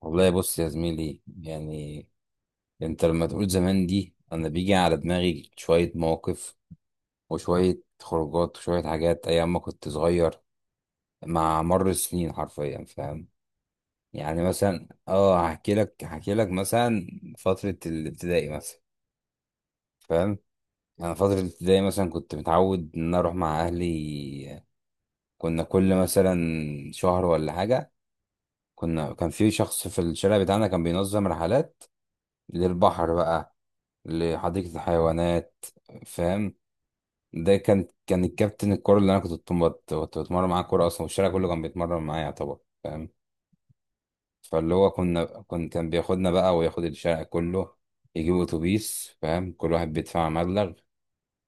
والله بص يا زميلي انت لما تقول زمان دي انا بيجي على دماغي شوية مواقف، وشوية خروجات وشوية حاجات ايام ما كنت صغير مع مر السنين حرفيا. فاهم يعني؟ مثلا هحكي لك، مثلا فترة الابتدائي مثلا. فاهم؟ انا فترة الابتدائي مثلا كنت متعود ان انا اروح مع اهلي. كنا كل مثلا شهر ولا حاجة كان في شخص في الشارع بتاعنا كان بينظم رحلات للبحر بقى، لحديقة الحيوانات. فاهم؟ ده كان الكابتن الكورة اللي انا كنت بتمرن معاه كورة اصلا، والشارع كله كان بيتمرن معايا يعتبر. فاهم؟ فاللي هو كنا كن كان بياخدنا بقى وياخد الشارع كله، يجيب اتوبيس. فاهم؟ كل واحد بيدفع مبلغ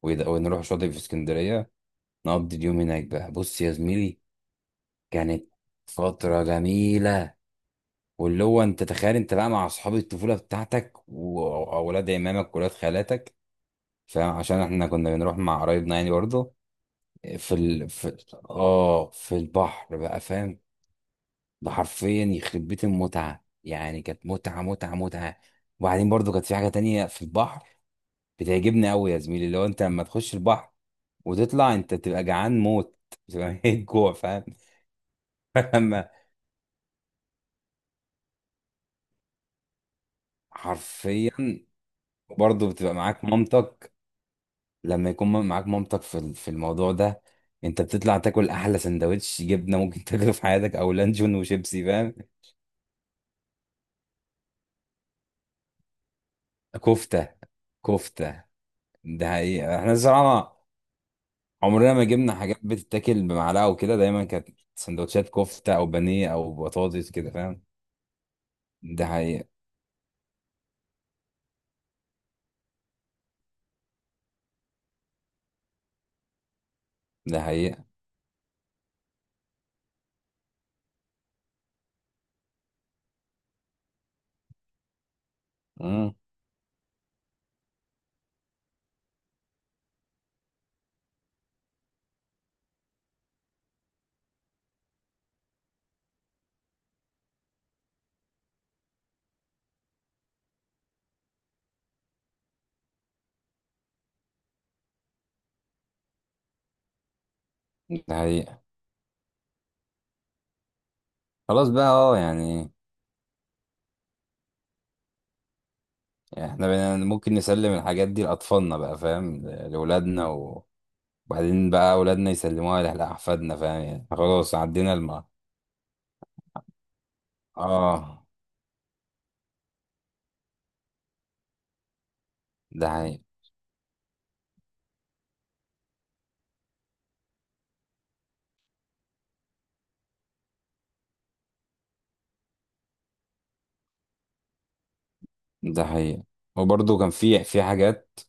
ونروح شاطئ في اسكندرية، نقضي اليوم هناك بقى. بص يا زميلي، كانت فترة جميلة. واللي هو انت تخيل انت بقى مع اصحاب الطفولة بتاعتك واولاد عمامك واولاد خالاتك. فاهم؟ عشان احنا كنا بنروح مع قرايبنا يعني برضه في ال... في اه في البحر بقى. فاهم؟ ده حرفيا يخرب بيت المتعه، يعني كانت متعه، متعه، متعه. وبعدين برضو كانت في حاجه تانية في البحر بتعجبني قوي يا زميلي، اللي هو انت لما تخش البحر وتطلع انت بتبقى جعان موت، بتبقى ميت جوع. فاهم؟ لما حرفيا برضو بتبقى معاك مامتك، لما يكون معاك مامتك في الموضوع ده انت بتطلع تاكل احلى سندوتش جبنه ممكن تاكله في حياتك، او لانشون وشيبسي. فاهم؟ كفته، كفته. ده حقيقة احنا الصراحة عمرنا ما جبنا حاجات بتتاكل بمعلقة وكده، دايما كانت سندوتشات كفتة أو بانيه أو بطاطس كده. فاهم؟ ده حقيقة. ده حقيقة. امم. ده حقيقة. خلاص بقى، يعني احنا بقينا ممكن نسلم الحاجات دي لأطفالنا بقى. فاهم؟ لأولادنا وبعدين بقى أولادنا يسلموها لأحفادنا. فاهم يعني؟ خلاص عدينا الم اه ده حقيقة. ده حقيقة وبرضه كان في حاجات.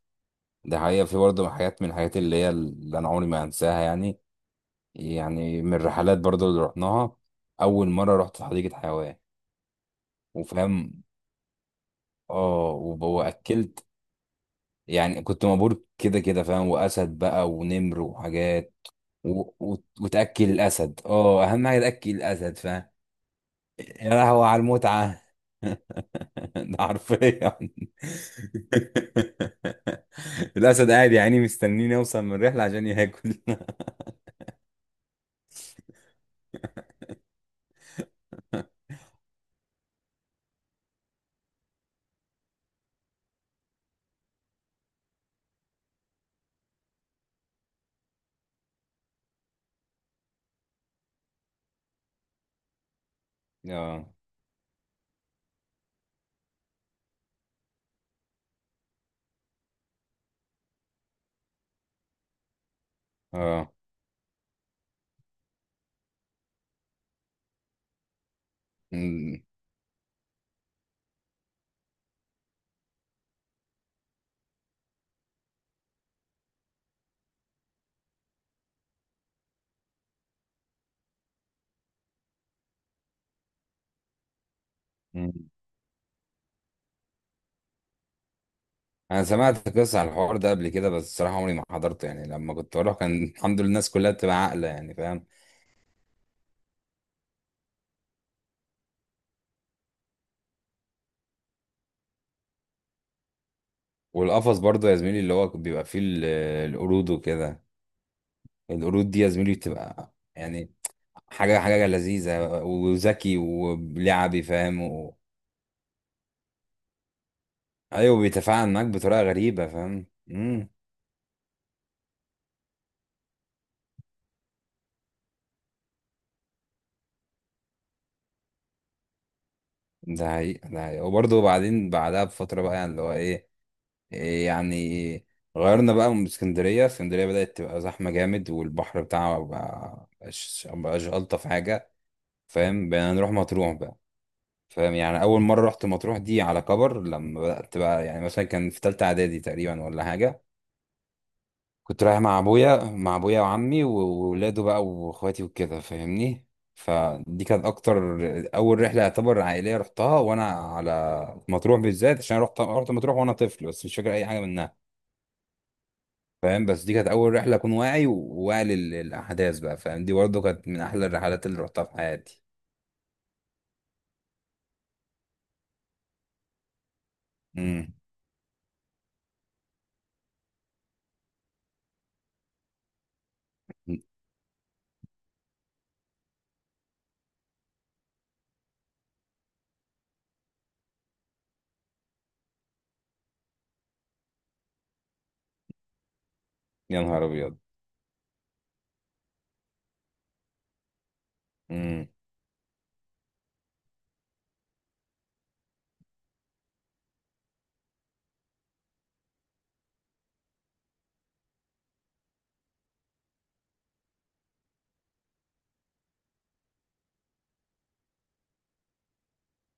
ده حقيقة، في برضه حاجات من الحاجات اللي اللي أنا عمري ما هنساها يعني. يعني من الرحلات برضو اللي رحناها، اول مره رحت حديقه حيوان. وفاهم، واكلت يعني، كنت مبهور كده كده. فاهم؟ واسد بقى ونمر وحاجات وتاكل الاسد. اه اهم حاجه تاكل الاسد. فاهم؟ يا لهوي على المتعه. ده حرفيا. الاسد قاعد يا عيني مستنيني اوصل من الرحله عشان ياكل. اه، اه. انا سمعت قصة عن الحوار ده قبل كده، بس الصراحة عمري ما حضرته. يعني لما كنت بروح كان الحمد لله الناس كلها بتبقى عاقلة يعني. فاهم؟ والقفص برضه يا زميلي اللي هو بيبقى فيه آه، القرود وكده. القرود دي يا زميلي بتبقى يعني حاجة، حاجة لذيذة وذكي ولعبي. فاهم و...؟ ايوه بيتفاعل معاك بطريقة غريبة. فاهم؟ امم. ده حقيقة. ده حقيقة وبرضه بعدين بعدها بفترة بقى يعني اللي هو ايه، إيه، يعني غيرنا بقى من اسكندرية. اسكندرية بدأت تبقى زحمة جامد، والبحر بتاعها بقى مبقاش ألطف حاجة. فاهم؟ بقينا نروح مطروح بقى. فاهم يعني؟ أول مرة رحت مطروح دي على كبر، لما بدأت بقى يعني مثلا كان في تالتة إعدادي تقريبا ولا حاجة. كنت رايح مع أبويا وعمي وولاده بقى وإخواتي وكده. فاهمني؟ فدي كانت أكتر أول رحلة يعتبر عائلية رحتها وأنا على مطروح بالذات، عشان رحت مطروح وأنا طفل بس مش فاكر أي حاجة منها. فاهم؟ بس دي كانت اول رحله اكون واعي وواعي للاحداث بقى. فاهم؟ دي برضه كانت من احلى الرحلات اللي رحتها في حياتي. امم. يا نهار ابيض. امم.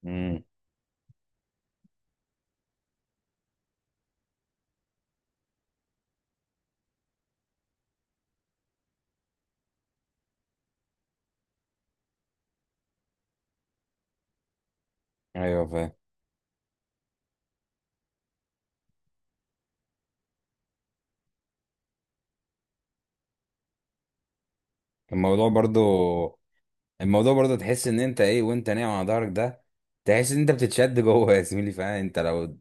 امم. ايوه فاهم. الموضوع برضه الموضوع برضه تحس ان انت ايه، وانت نايم على ظهرك ده تحس ان انت بتتشد جوه يا زميلي. فاهم؟ انت لو،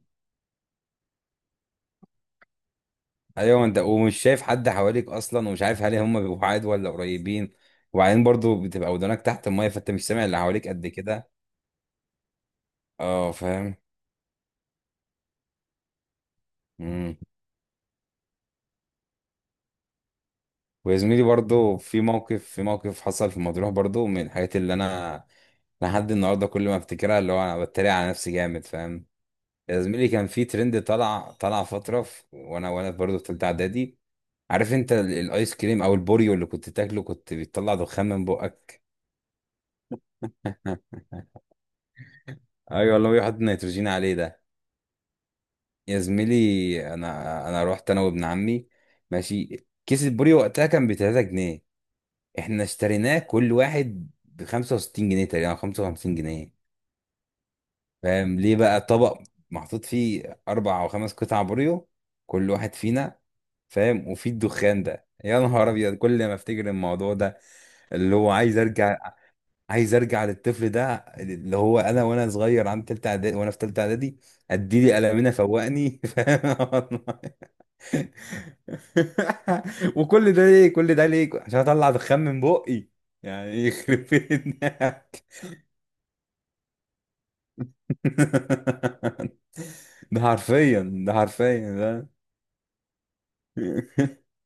ايوه، انت ومش شايف حد حواليك اصلا، ومش عارف هل هم بيبقوا بعاد ولا قريبين. وبعدين برضه بتبقى ودانك تحت الميه، فانت مش سامع اللي حواليك قد كده. اه فاهم. امم. ويا زميلي برضو في موقف، حصل في مطروح برضو من الحاجات اللي انا لحد النهارده كل ما افتكرها اللي هو انا بتريق على نفسي جامد. فاهم؟ يا زميلي كان في ترند طلع فتره في وانا برضو في ثالثه اعدادي. عارف انت الايس كريم او البوريو اللي كنت تاكله كنت بيطلع دخان من بقك. ايوه والله بيحط نيتروجين عليه ده. يا زميلي انا رحت انا وابن عمي. ماشي، كيس البوري وقتها كان ب 3 جنيه، احنا اشتريناه كل واحد ب 65 جنيه تقريبا أو 55 جنيه. فاهم ليه؟ بقى طبق محطوط فيه اربع او خمس قطع بوريو كل واحد فينا. فاهم؟ وفي الدخان ده. يا نهار ابيض، كل ما افتكر الموضوع ده اللي هو عايز ارجع. عايز ارجع للطفل ده اللي هو انا، وانا صغير عن تالتة اعدادي، وانا في تالتة اعدادي اديلي قلمنا فوقني. فاهم والله. وكل ده ليه؟ كل ده ليه؟ عشان اطلع دخان من بقي يعني؟ يخرب بيتنا. ده حرفيا. ده حرفيا.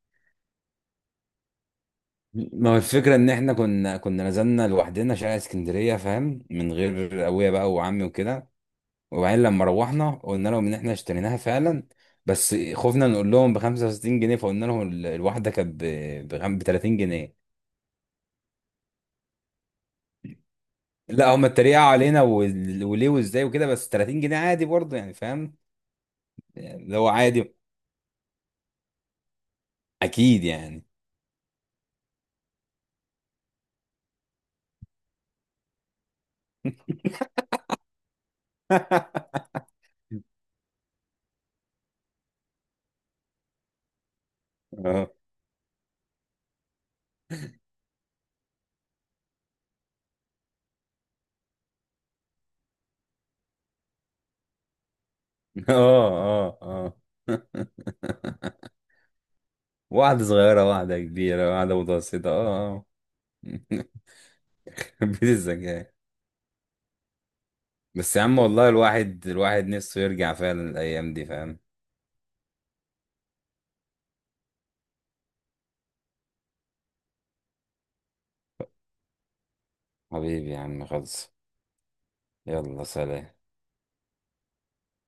ما هو الفكرة إن إحنا كنا نزلنا لوحدنا شارع اسكندرية. فاهم؟ من غير أبويا بقى وعمي وكده. وبعدين لما روحنا قلنا لهم إن إحنا اشتريناها فعلا، بس خفنا نقول لهم ب 65 جنيه، فقلنا لهم الواحدة كانت ب 30 جنيه. لا هما اتريقوا علينا وليه وإزاي وكده، بس 30 جنيه عادي برضه يعني. فاهم يعني؟ اللي هو عادي. أكيد يعني. اه، اه، اه، اه. واحدة صغيرة، واحدة كبيرة، واحدة متوسطة. اه. بيت الزجاج. بس يا عم والله الواحد، الواحد نفسه يرجع فعلا الأيام دي. فاهم؟ حبيبي يا عم، خلص. يلا سلام.